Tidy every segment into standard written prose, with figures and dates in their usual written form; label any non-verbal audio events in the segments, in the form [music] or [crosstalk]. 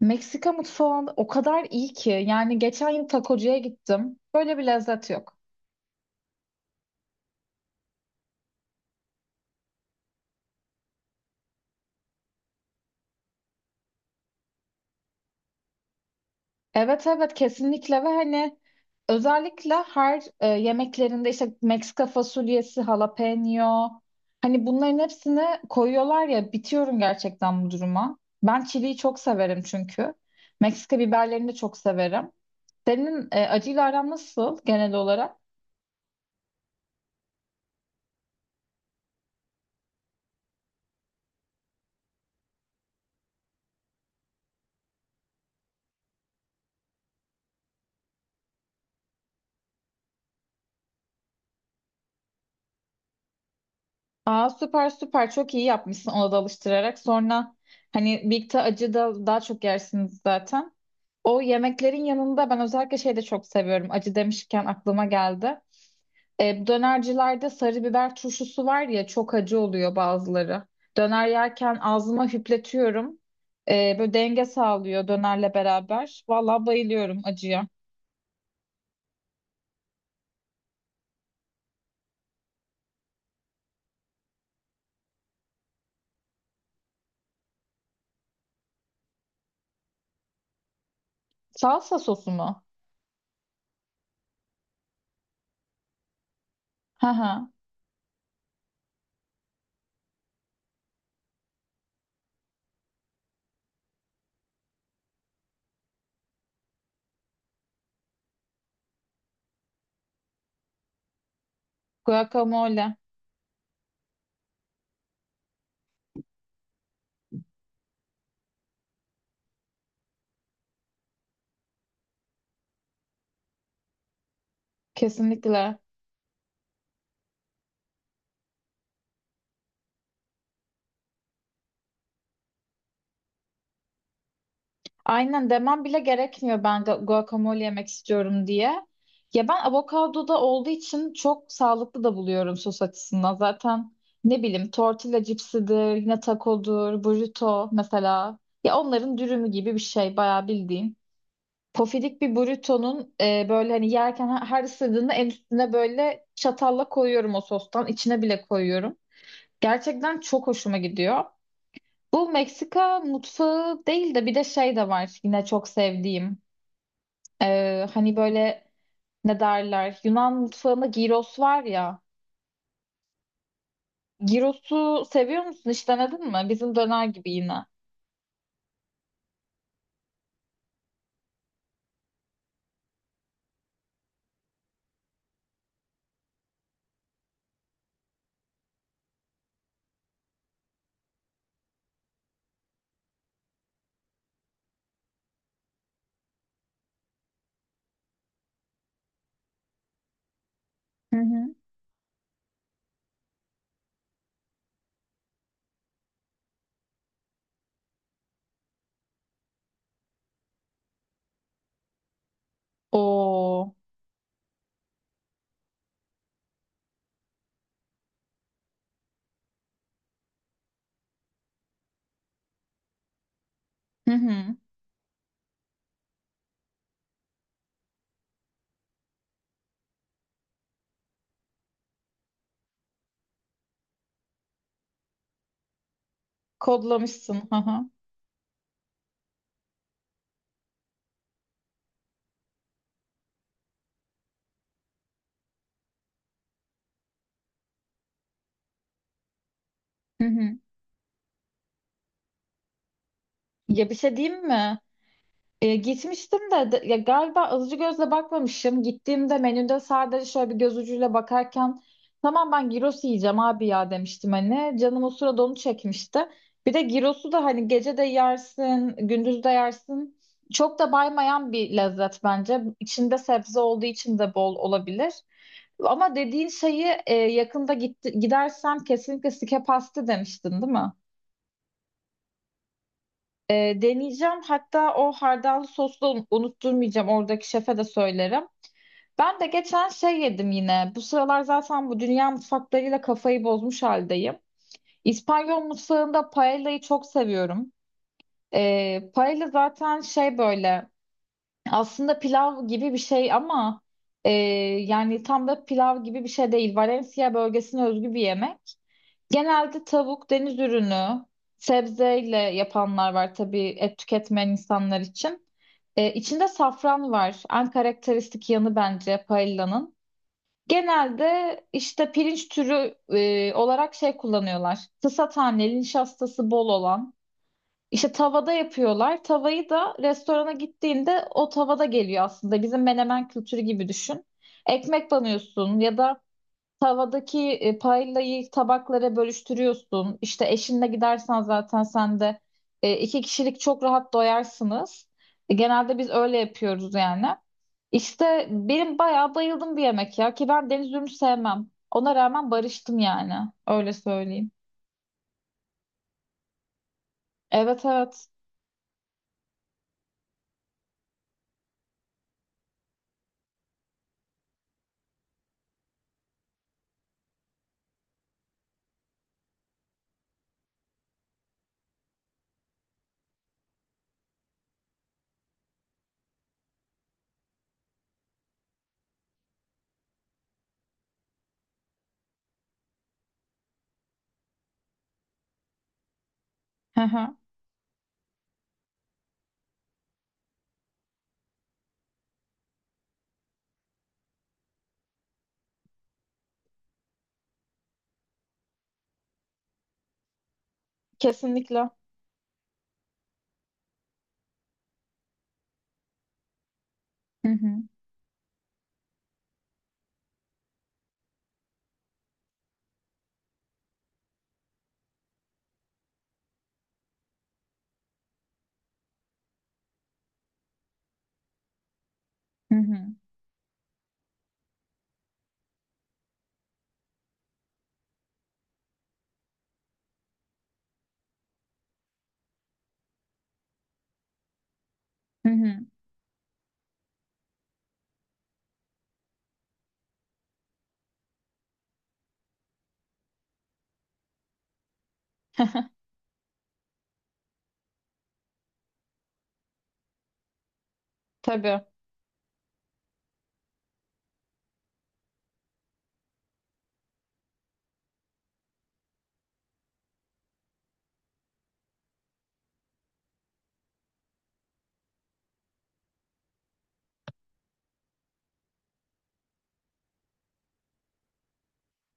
Meksika mutfağı o kadar iyi ki. Yani geçen yıl takocuya gittim. Böyle bir lezzet yok. Evet evet kesinlikle ve hani özellikle her yemeklerinde işte Meksika fasulyesi, jalapeno hani bunların hepsini koyuyorlar ya bitiyorum gerçekten bu duruma. Ben çiliyi çok severim çünkü. Meksika biberlerini de çok severim. Senin acıyla aran nasıl genel olarak? Aa süper süper çok iyi yapmışsın ona da alıştırarak. Sonra hani birlikte acı da daha çok yersiniz zaten. O yemeklerin yanında ben özellikle şey de çok seviyorum. Acı demişken aklıma geldi. Dönercilerde sarı biber turşusu var ya çok acı oluyor bazıları. Döner yerken ağzıma hüpletiyorum. Böyle denge sağlıyor dönerle beraber. Vallahi bayılıyorum acıya. Salsa sosu mu? Hı hı. Guacamole. Kesinlikle. Aynen demem bile gerekmiyor ben guacamole yemek istiyorum diye. Ya ben avokado da olduğu için çok sağlıklı da buluyorum sos açısından. Zaten ne bileyim tortilla cipsidir, yine tacodur, burrito mesela. Ya onların dürümü gibi bir şey bayağı bildiğin. Pofidik bir burritonun böyle hani yerken her ısırdığında en üstüne böyle çatalla koyuyorum o sostan. İçine bile koyuyorum. Gerçekten çok hoşuma gidiyor. Bu Meksika mutfağı değil de bir de şey de var yine çok sevdiğim. Hani böyle ne derler Yunan mutfağında gyros var ya. Gyrosu seviyor musun? Hiç denedin mi? Bizim döner gibi yine. Hı hı. Oo. Hı hı. Kodlamışsın. Hı hı. Hı hı. Ya bir şey diyeyim mi? Gitmiştim de, ya galiba alıcı gözle bakmamışım. Gittiğimde menüde sadece şöyle bir göz ucuyla bakarken tamam ben gyros yiyeceğim abi ya demiştim hani. Canım o sırada onu çekmişti. Bir de gyrosu da hani gece de yersin, gündüz de yersin. Çok da baymayan bir lezzet bence. İçinde sebze olduğu için de bol olabilir. Ama dediğin şeyi yakında gidersem kesinlikle sike pasta demiştin, değil mi? Deneyeceğim. Hatta o hardallı sosu da unutturmayacağım. Oradaki şefe de söylerim. Ben de geçen şey yedim yine. Bu sıralar zaten bu dünya mutfaklarıyla kafayı bozmuş haldeyim. İspanyol mutfağında paella'yı çok seviyorum. Paella zaten şey böyle aslında pilav gibi bir şey ama e, yani tam da pilav gibi bir şey değil. Valencia bölgesine özgü bir yemek. Genelde tavuk, deniz ürünü, sebzeyle yapanlar var tabii et tüketmeyen insanlar için. İçinde safran var. En karakteristik yanı bence paellanın. Genelde işte pirinç türü olarak şey kullanıyorlar. Kısa taneli, nişastası bol olan. İşte tavada yapıyorlar. Tavayı da restorana gittiğinde o tavada geliyor aslında. Bizim menemen kültürü gibi düşün. Ekmek banıyorsun ya da tavadaki paillayı tabaklara bölüştürüyorsun. İşte eşinle gidersen zaten sen de iki kişilik çok rahat doyarsınız. Genelde biz öyle yapıyoruz yani. İşte benim bayağı bayıldım bir yemek ya ki ben deniz ürünü sevmem. Ona rağmen barıştım yani. Öyle söyleyeyim. Evet evet. Hı hı. Kesinlikle. Hı hı. Hı hı. Hı hı. [laughs] Tabii.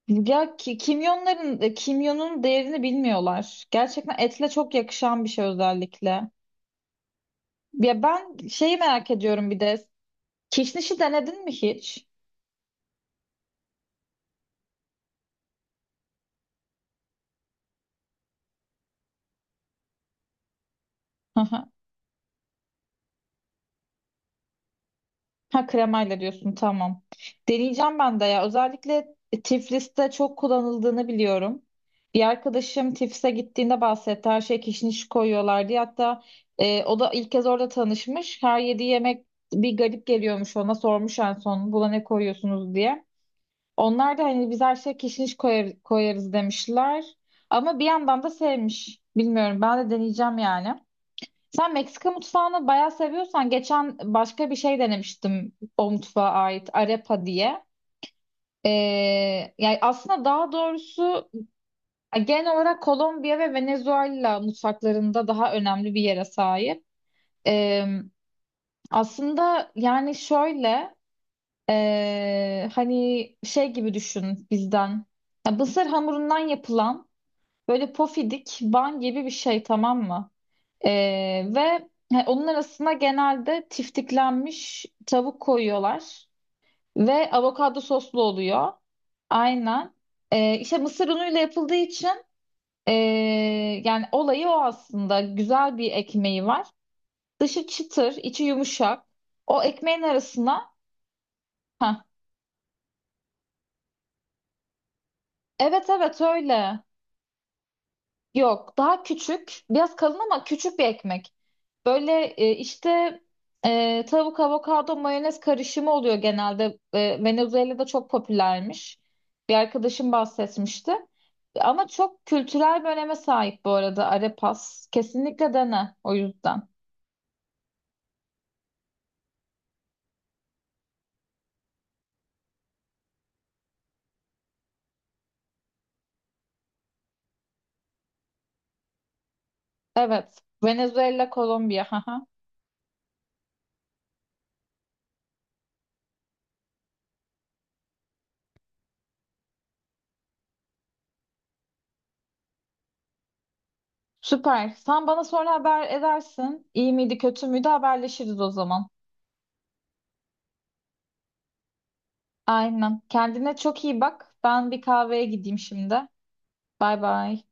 Ya kimyonun değerini bilmiyorlar. Gerçekten etle çok yakışan bir şey özellikle. Ya ben şeyi merak ediyorum bir de. Kişnişi denedin mi hiç? Hı hı. Ha kremayla diyorsun tamam. Deneyeceğim ben de ya. Özellikle Tiflis'te çok kullanıldığını biliyorum. Bir arkadaşım Tiflis'e gittiğinde bahsetti. Her şeye kişniş koyuyorlar diye. Hatta o da ilk kez orada tanışmış. Her yediği yemek bir garip geliyormuş ona. Sormuş en son buna ne koyuyorsunuz diye. Onlar da hani biz her şeye kişniş koyarız demişler. Ama bir yandan da sevmiş. Bilmiyorum ben de deneyeceğim yani. Sen Meksika mutfağını bayağı seviyorsan geçen başka bir şey denemiştim o mutfağa ait arepa diye. Ee, Yani aslında daha doğrusu genel olarak Kolombiya ve Venezuela mutfaklarında daha önemli bir yere sahip. Ee, Aslında yani şöyle hani şey gibi düşün bizden. Ya mısır hamurundan yapılan böyle pofidik ban gibi bir şey tamam mı? Ve onun arasına genelde tiftiklenmiş tavuk koyuyorlar ve avokado soslu oluyor. Aynen. İşte mısır unuyla yapıldığı için ee, yani olayı o aslında. Güzel bir ekmeği var. Dışı çıtır, içi yumuşak. O ekmeğin arasına. Heh. Evet evet öyle. Yok, daha küçük, biraz kalın ama küçük bir ekmek. Böyle işte tavuk, avokado, mayonez karışımı oluyor genelde. Venezuela'da çok popülermiş. Bir arkadaşım bahsetmişti. Ama çok kültürel bir öneme sahip bu arada arepas. Kesinlikle dene o yüzden. Evet, Venezuela, Kolombiya. [laughs] haha. Süper. Sen bana sonra haber edersin. İyi miydi, kötü müydü haberleşiriz o zaman. Aynen. Kendine çok iyi bak. Ben bir kahveye gideyim şimdi. Bay bay.